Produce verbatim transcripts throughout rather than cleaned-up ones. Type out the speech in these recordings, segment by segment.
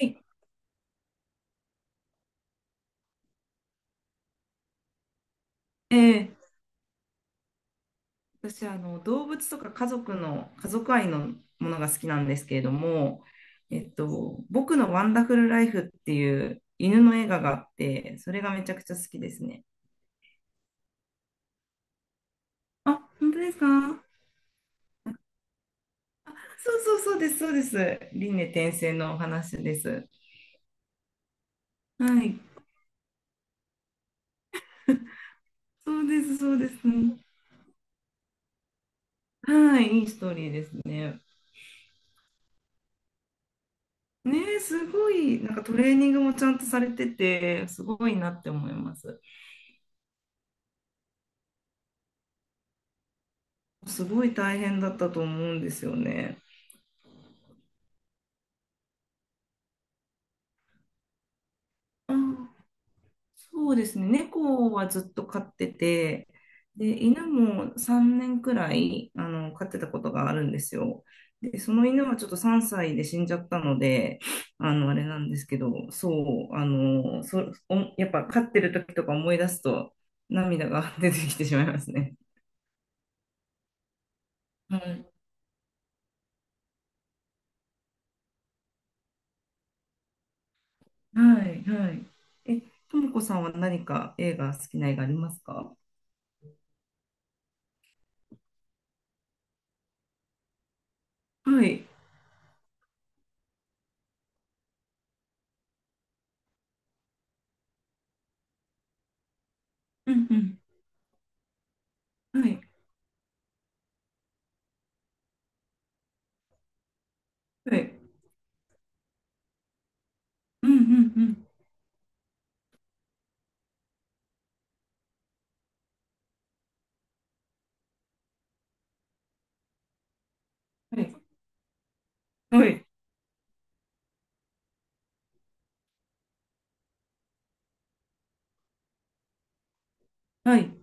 いええ私あの動物とか家族の家族愛のものが好きなんですけれども、えっと、僕のワンダフルライフっていう犬の映画があって、それがめちゃくちゃ好きですね。あ、本当ですか？そうそうそうです、そうです。輪廻転生のお話です。はい、そうです、そうです。はい、いいストーリーですね。ねえ、すごい、なんかトレーニングもちゃんとされてて、すごいなって思います。すごい大変だったと思うんですよね。あー、そうですね。猫はずっと飼ってて、で、犬もさんねんくらい、あの、飼ってたことがあるんですよ。で、その犬はちょっとさんさいで死んじゃったので、あの、あれなんですけど、そう、あの、そ、お、やっぱ飼ってる時とか思い出すと涙が 出てきてしまいますね。はい。はい、はい。え、ともこさんは何か映画、好きな映画ありますか？はい。うんうん。はい。はい。うんうんうん。はい。はい。はい。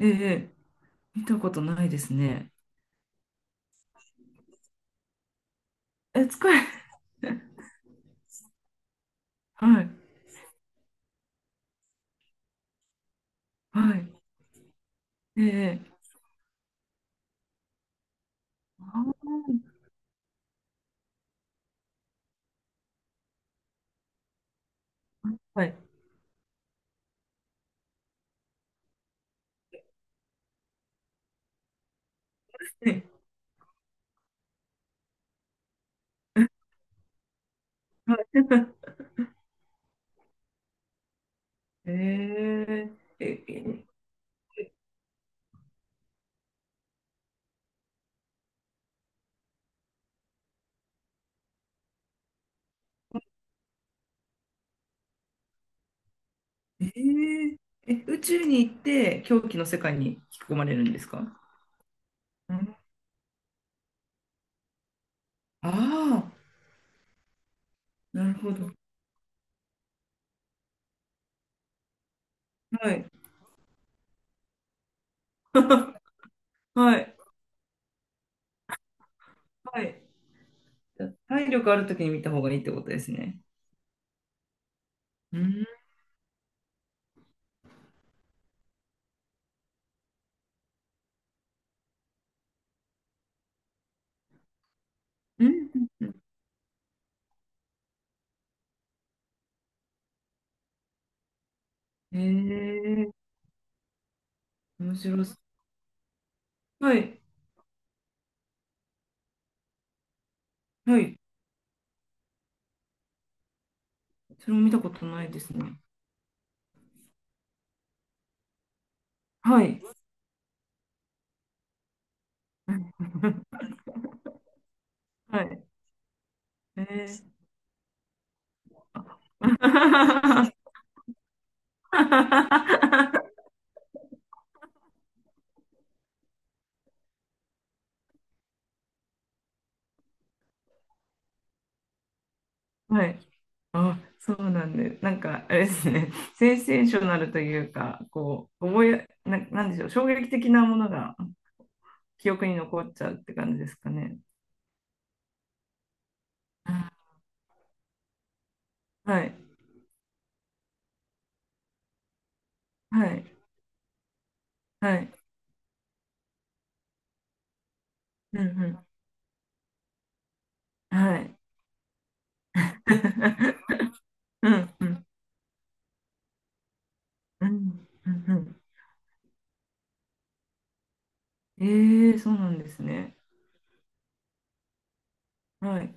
ええ、見たことないですね。え、使え、はい。はい。ええ、あー、はい。ええ、はい。ええ、ええ、ええ、え宇宙に行って狂気の世界に引き込まれるんですか？うん、ああー、なるほど。はい。はい。はい。体力あるときに見た方がいいってことですね。うん。うん。うん、ええ、面白そう。はい。はい。それも見たことないですね。はい。はい。えー はい。あ、そうなんで、なんか、あれですね、センセーショナルというか、こう、覚え、な、なんでしょう、衝撃的なものが記憶に残っちゃうって感じですかね。あはい。はい。はい。うんうん。はい。うんうんうんうんうん。えー、そうなんですね。はい。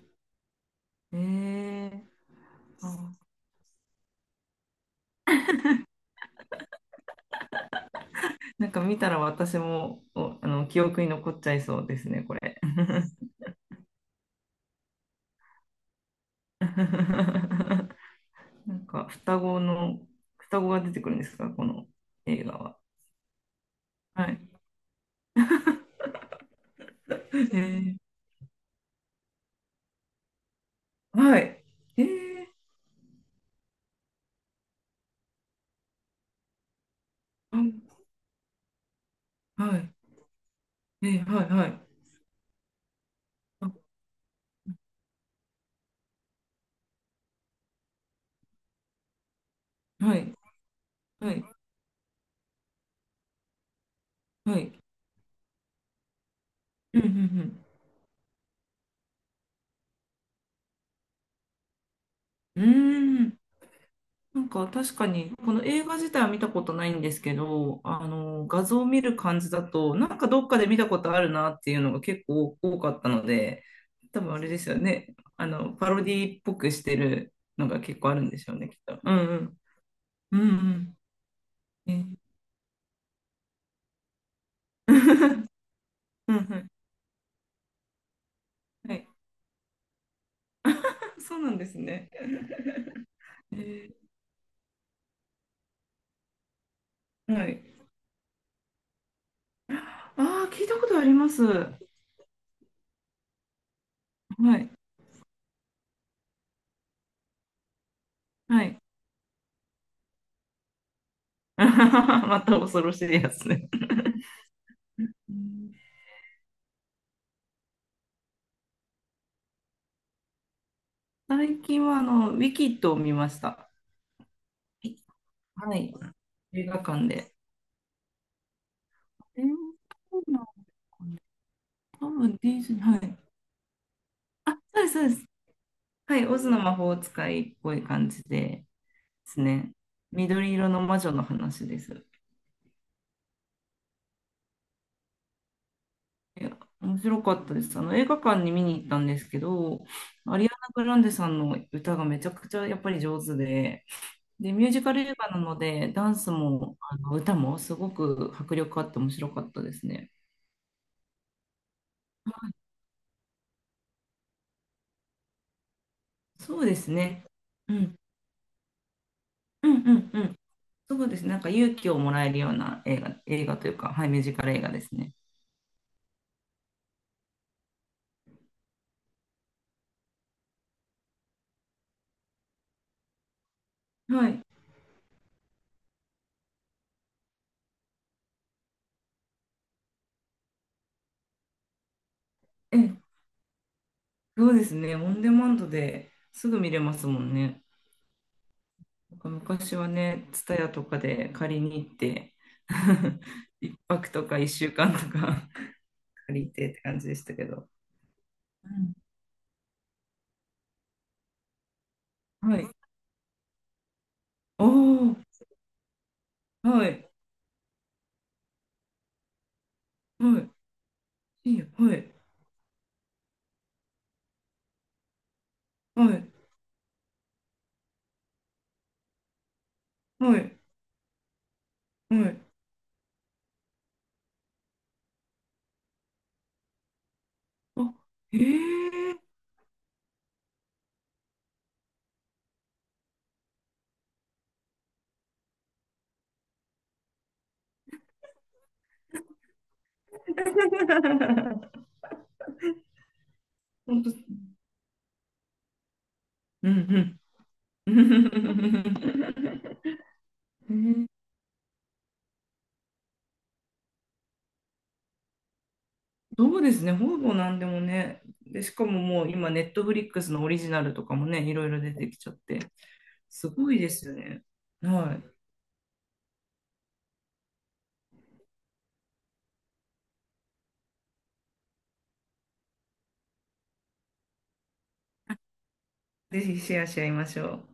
ええー。あー、なんか見たら私も、おあの、記憶に残っちゃいそうですね、これ。なんか双子の、双子が出てくるんですか、この映画は？はい。えー、はい。えー、あはい。えー、はい、はい。あはい、はい、はい。うん、うん、うん。うーん。なんか確かに、この映画自体は見たことないんですけど、あの、画像を見る感じだと、なんかどっかで見たことあるなっていうのが結構多かったので、多分あれですよね。あの、パロディっぽくしてるのが結構あるんでしょうね、きっと。うんうん。うんうん。え うんうん、はい。そうなんですね。えーはい。ああ、聞いたことあります。はい。はい。また恐ろしいやつね。うん、最近はあの、ウィキッドを見ました。はい。映画館で。えー、そうなん多分ディズニー、はい。あ、そうです、そうです。はい。オズの魔法使いっぽい感じでですね。緑色の魔女の話です。いや、面白かったです。あの映画館に見に行ったんですけど、アリアナ・グランデさんの歌がめちゃくちゃやっぱり上手で、で、ミュージカル映画なので、ダンスもあの歌もすごく迫力あって面白かったですね。そうですね。うん。うんうんうん、そうですね。なんか勇気をもらえるような映画、映画というか、はい、ミュージカル映画ですね。はい。え、そうですね。オンデマンドですぐ見れますもんね。なんか昔はね、ツタヤとかで借りに行って、いっぱくとかいっしゅうかんとか 借りてって感じでしたけど。うん、はい。おー、はい、はい、いいよ、はい、はい、はい、はい。あ、えー。本当、うんうん。えーそうですね、ほぼ何でもね。で、しかももう今、ネットフリックスのオリジナルとかもね、いろいろ出てきちゃって、すごいですよね。はい。ぜひシェアし合いましょう。